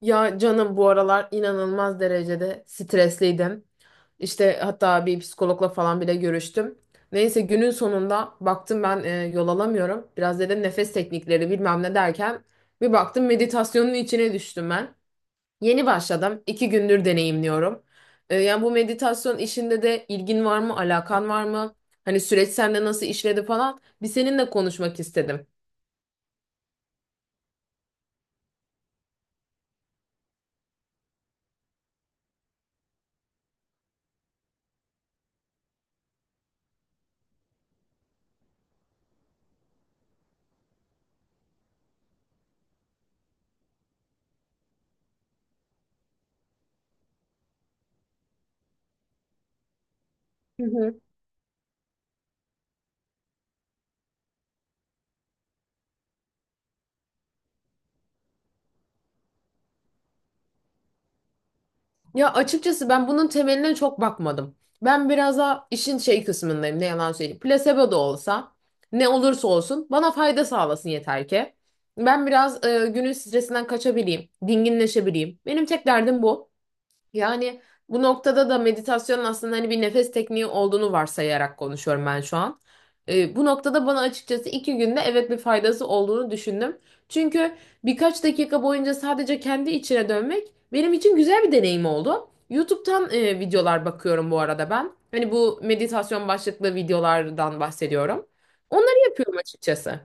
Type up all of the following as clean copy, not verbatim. Ya canım bu aralar inanılmaz derecede stresliydim. İşte hatta bir psikologla falan bile görüştüm. Neyse günün sonunda baktım ben yol alamıyorum. Biraz dedim nefes teknikleri bilmem ne derken bir baktım meditasyonun içine düştüm ben. Yeni başladım. İki gündür deneyimliyorum. Yani bu meditasyon işinde de ilgin var mı, alakan var mı? Hani süreç sende nasıl işledi falan. Bir seninle konuşmak istedim. Hı hı. Ya açıkçası ben bunun temeline çok bakmadım. Ben biraz daha işin şey kısmındayım ne yalan söyleyeyim. Plasebo da olsa ne olursa olsun bana fayda sağlasın yeter ki. Ben biraz günün stresinden kaçabileyim, dinginleşebileyim. Benim tek derdim bu. Yani bu noktada da meditasyonun aslında hani bir nefes tekniği olduğunu varsayarak konuşuyorum ben şu an. Bu noktada bana açıkçası iki günde evet bir faydası olduğunu düşündüm. Çünkü birkaç dakika boyunca sadece kendi içine dönmek benim için güzel bir deneyim oldu. YouTube'dan videolar bakıyorum bu arada ben. Hani bu meditasyon başlıklı videolardan bahsediyorum. Onları yapıyorum açıkçası.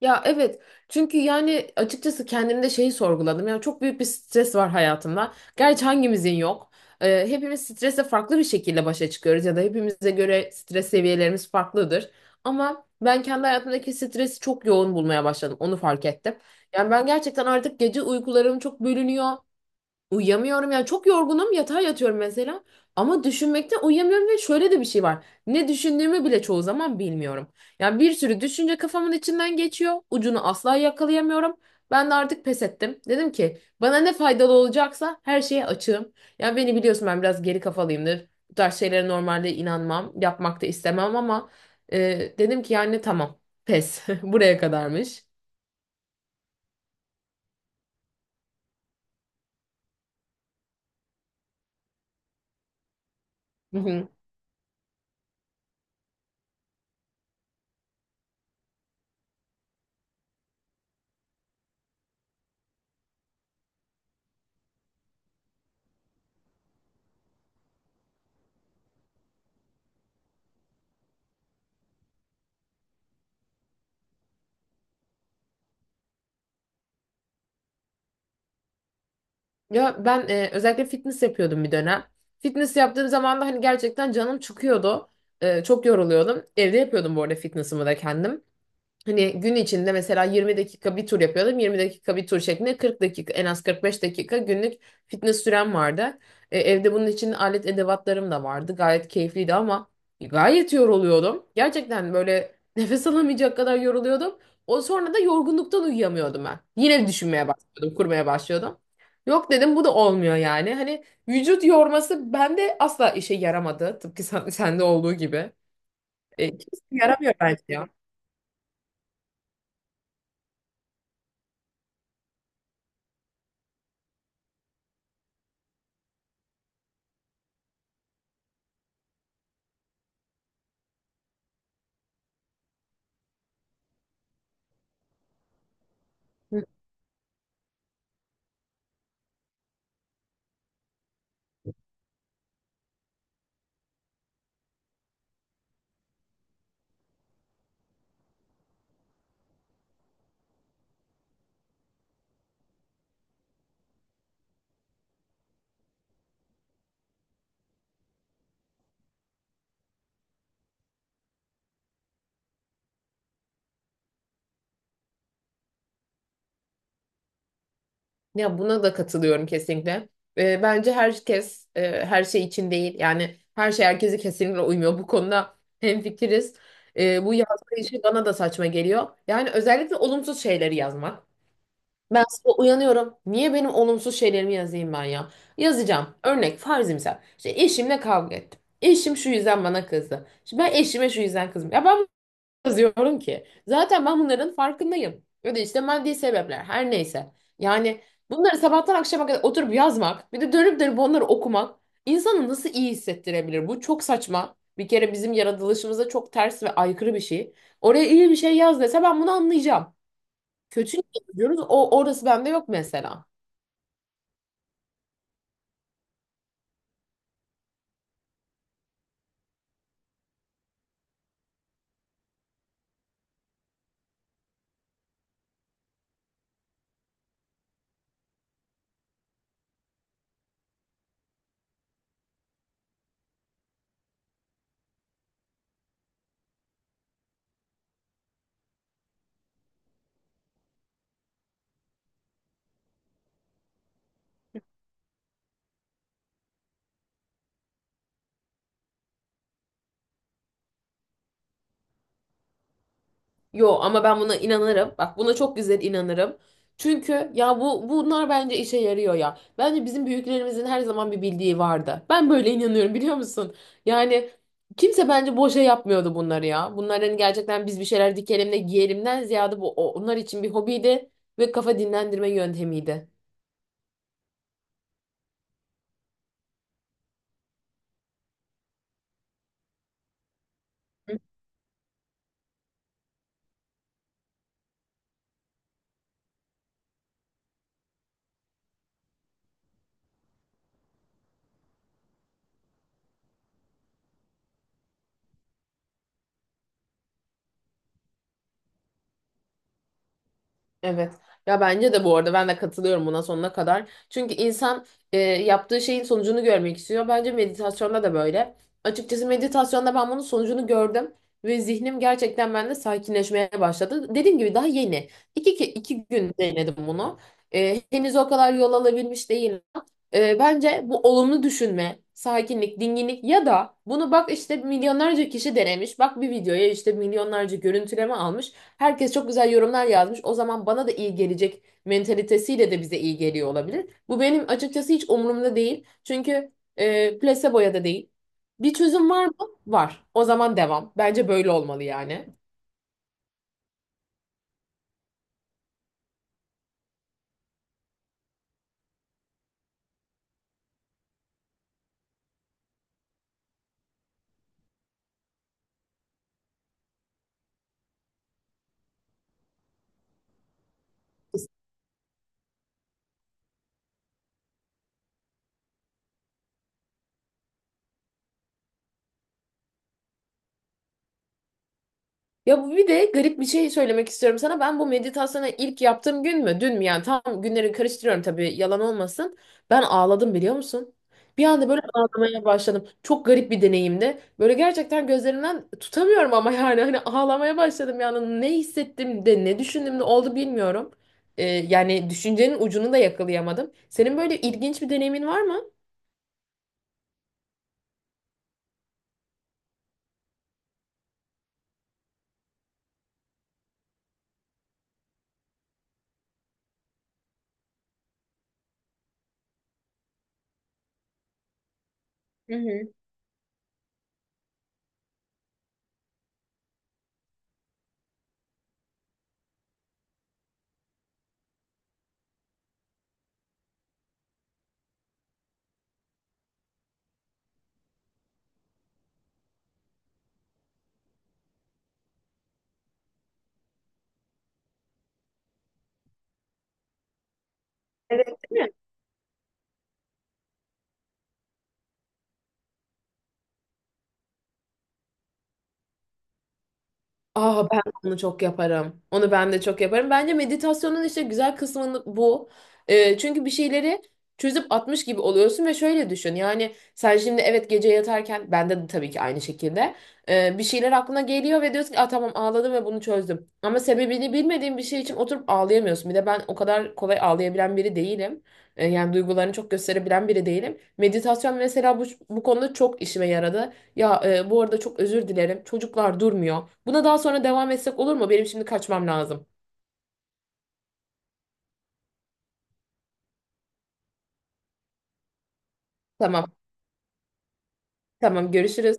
Ya evet, çünkü yani açıkçası kendimde şeyi sorguladım. Yani çok büyük bir stres var hayatımda. Gerçi hangimizin yok. Hepimiz stresle farklı bir şekilde başa çıkıyoruz ya da hepimize göre stres seviyelerimiz farklıdır. Ama ben kendi hayatımdaki stresi çok yoğun bulmaya başladım. Onu fark ettim. Yani ben gerçekten artık gece uykularım çok bölünüyor. Uyuyamıyorum, yani çok yorgunum, yatağa yatıyorum mesela ama düşünmekten uyuyamıyorum ve şöyle de bir şey var. Ne düşündüğümü bile çoğu zaman bilmiyorum. Yani bir sürü düşünce kafamın içinden geçiyor. Ucunu asla yakalayamıyorum. Ben de artık pes ettim. Dedim ki bana ne faydalı olacaksa her şeye açığım. Yani beni biliyorsun, ben biraz geri kafalıyımdır. Bu tarz şeylere normalde inanmam, yapmak da istemem ama dedim ki yani tamam, pes buraya kadarmış. Ya ben özellikle fitness yapıyordum bir dönem. Fitness yaptığım zaman da hani gerçekten canım çıkıyordu. Çok yoruluyordum. Evde yapıyordum bu arada fitness'ımı da kendim. Hani gün içinde mesela 20 dakika bir tur yapıyordum. 20 dakika bir tur şeklinde 40 dakika, en az 45 dakika günlük fitness sürem vardı. Evde bunun için alet edevatlarım da vardı. Gayet keyifliydi ama gayet yoruluyordum. Gerçekten böyle nefes alamayacak kadar yoruluyordum. O sonra da yorgunluktan uyuyamıyordum ben. Yine düşünmeye başlıyordum, kurmaya başlıyordum. Yok dedim, bu da olmuyor yani. Hani vücut yorması bende asla işe yaramadı. Tıpkı sende olduğu gibi. E, kimse yaramıyor bence ya. Hı. Ya buna da katılıyorum kesinlikle. Bence herkes her şey için değil. Yani her şey herkese kesinlikle uymuyor. Bu konuda hemfikiriz. Bu yazma işi bana da saçma geliyor. Yani özellikle olumsuz şeyleri yazmak. Ben sabah uyanıyorum. Niye benim olumsuz şeylerimi yazayım ben ya? Yazacağım. Örnek farzimsel. İşte eşimle kavga ettim. Eşim şu yüzden bana kızdı. İşte ben eşime şu yüzden kızdım. Ya ben yazıyorum ki? Zaten ben bunların farkındayım. Ya da işte maddi sebepler, her neyse. Yani bunları sabahtan akşama kadar oturup yazmak, bir de dönüp dönüp onları okumak insanı nasıl iyi hissettirebilir? Bu çok saçma. Bir kere bizim yaratılışımıza çok ters ve aykırı bir şey. Oraya iyi bir şey yaz dese ben bunu anlayacağım. Kötü niye yazıyoruz? O, orası bende yok mesela. Yo ama ben buna inanırım. Bak, buna çok güzel inanırım. Çünkü ya bu bunlar bence işe yarıyor ya. Bence bizim büyüklerimizin her zaman bir bildiği vardı. Ben böyle inanıyorum, biliyor musun? Yani kimse bence boşa yapmıyordu bunları ya. Bunlar hani gerçekten biz bir şeyler dikelim de giyelimden ziyade bu onlar için bir hobiydi ve kafa dinlendirme yöntemiydi. Evet. Ya bence de, bu arada ben de katılıyorum buna sonuna kadar. Çünkü insan yaptığı şeyin sonucunu görmek istiyor. Bence meditasyonda da böyle. Açıkçası meditasyonda ben bunun sonucunu gördüm ve zihnim gerçekten bende sakinleşmeye başladı. Dediğim gibi daha yeni. İki gün denedim bunu. E, henüz o kadar yol alabilmiş değil. Bence bu olumlu düşünme, sakinlik, dinginlik ya da bunu bak işte milyonlarca kişi denemiş. Bak, bir videoya işte milyonlarca görüntüleme almış. Herkes çok güzel yorumlar yazmış. O zaman bana da iyi gelecek mentalitesiyle de bize iyi geliyor olabilir. Bu benim açıkçası hiç umurumda değil. Çünkü placebo'ya da değil. Bir çözüm var mı? Var. O zaman devam. Bence böyle olmalı yani. Ya bu, bir de garip bir şey söylemek istiyorum sana. Ben bu meditasyonu ilk yaptığım gün mü, dün mü, yani tam günleri karıştırıyorum tabii, yalan olmasın. Ben ağladım, biliyor musun? Bir anda böyle ağlamaya başladım. Çok garip bir deneyimdi. Böyle gerçekten gözlerimden tutamıyorum ama yani hani ağlamaya başladım, yani ne hissettim de ne düşündüm de oldu bilmiyorum. Yani düşüncenin ucunu da yakalayamadım. Senin böyle ilginç bir deneyimin var mı? Hı hı. Evet, değil mi? Aa, ben onu çok yaparım. Onu ben de çok yaparım. Bence meditasyonun işte güzel kısmı bu. Çünkü bir şeyleri çözüp atmış gibi oluyorsun ve şöyle düşün. Yani sen şimdi evet gece yatarken bende de tabii ki aynı şekilde bir şeyler aklına geliyor ve diyorsun ki, aa, tamam, ağladım ve bunu çözdüm. Ama sebebini bilmediğin bir şey için oturup ağlayamıyorsun. Bir de ben o kadar kolay ağlayabilen biri değilim. Yani duygularını çok gösterebilen biri değilim. Meditasyon mesela bu konuda çok işime yaradı. Ya bu arada çok özür dilerim. Çocuklar durmuyor. Buna daha sonra devam etsek olur mu? Benim şimdi kaçmam lazım. Tamam. Tamam, görüşürüz.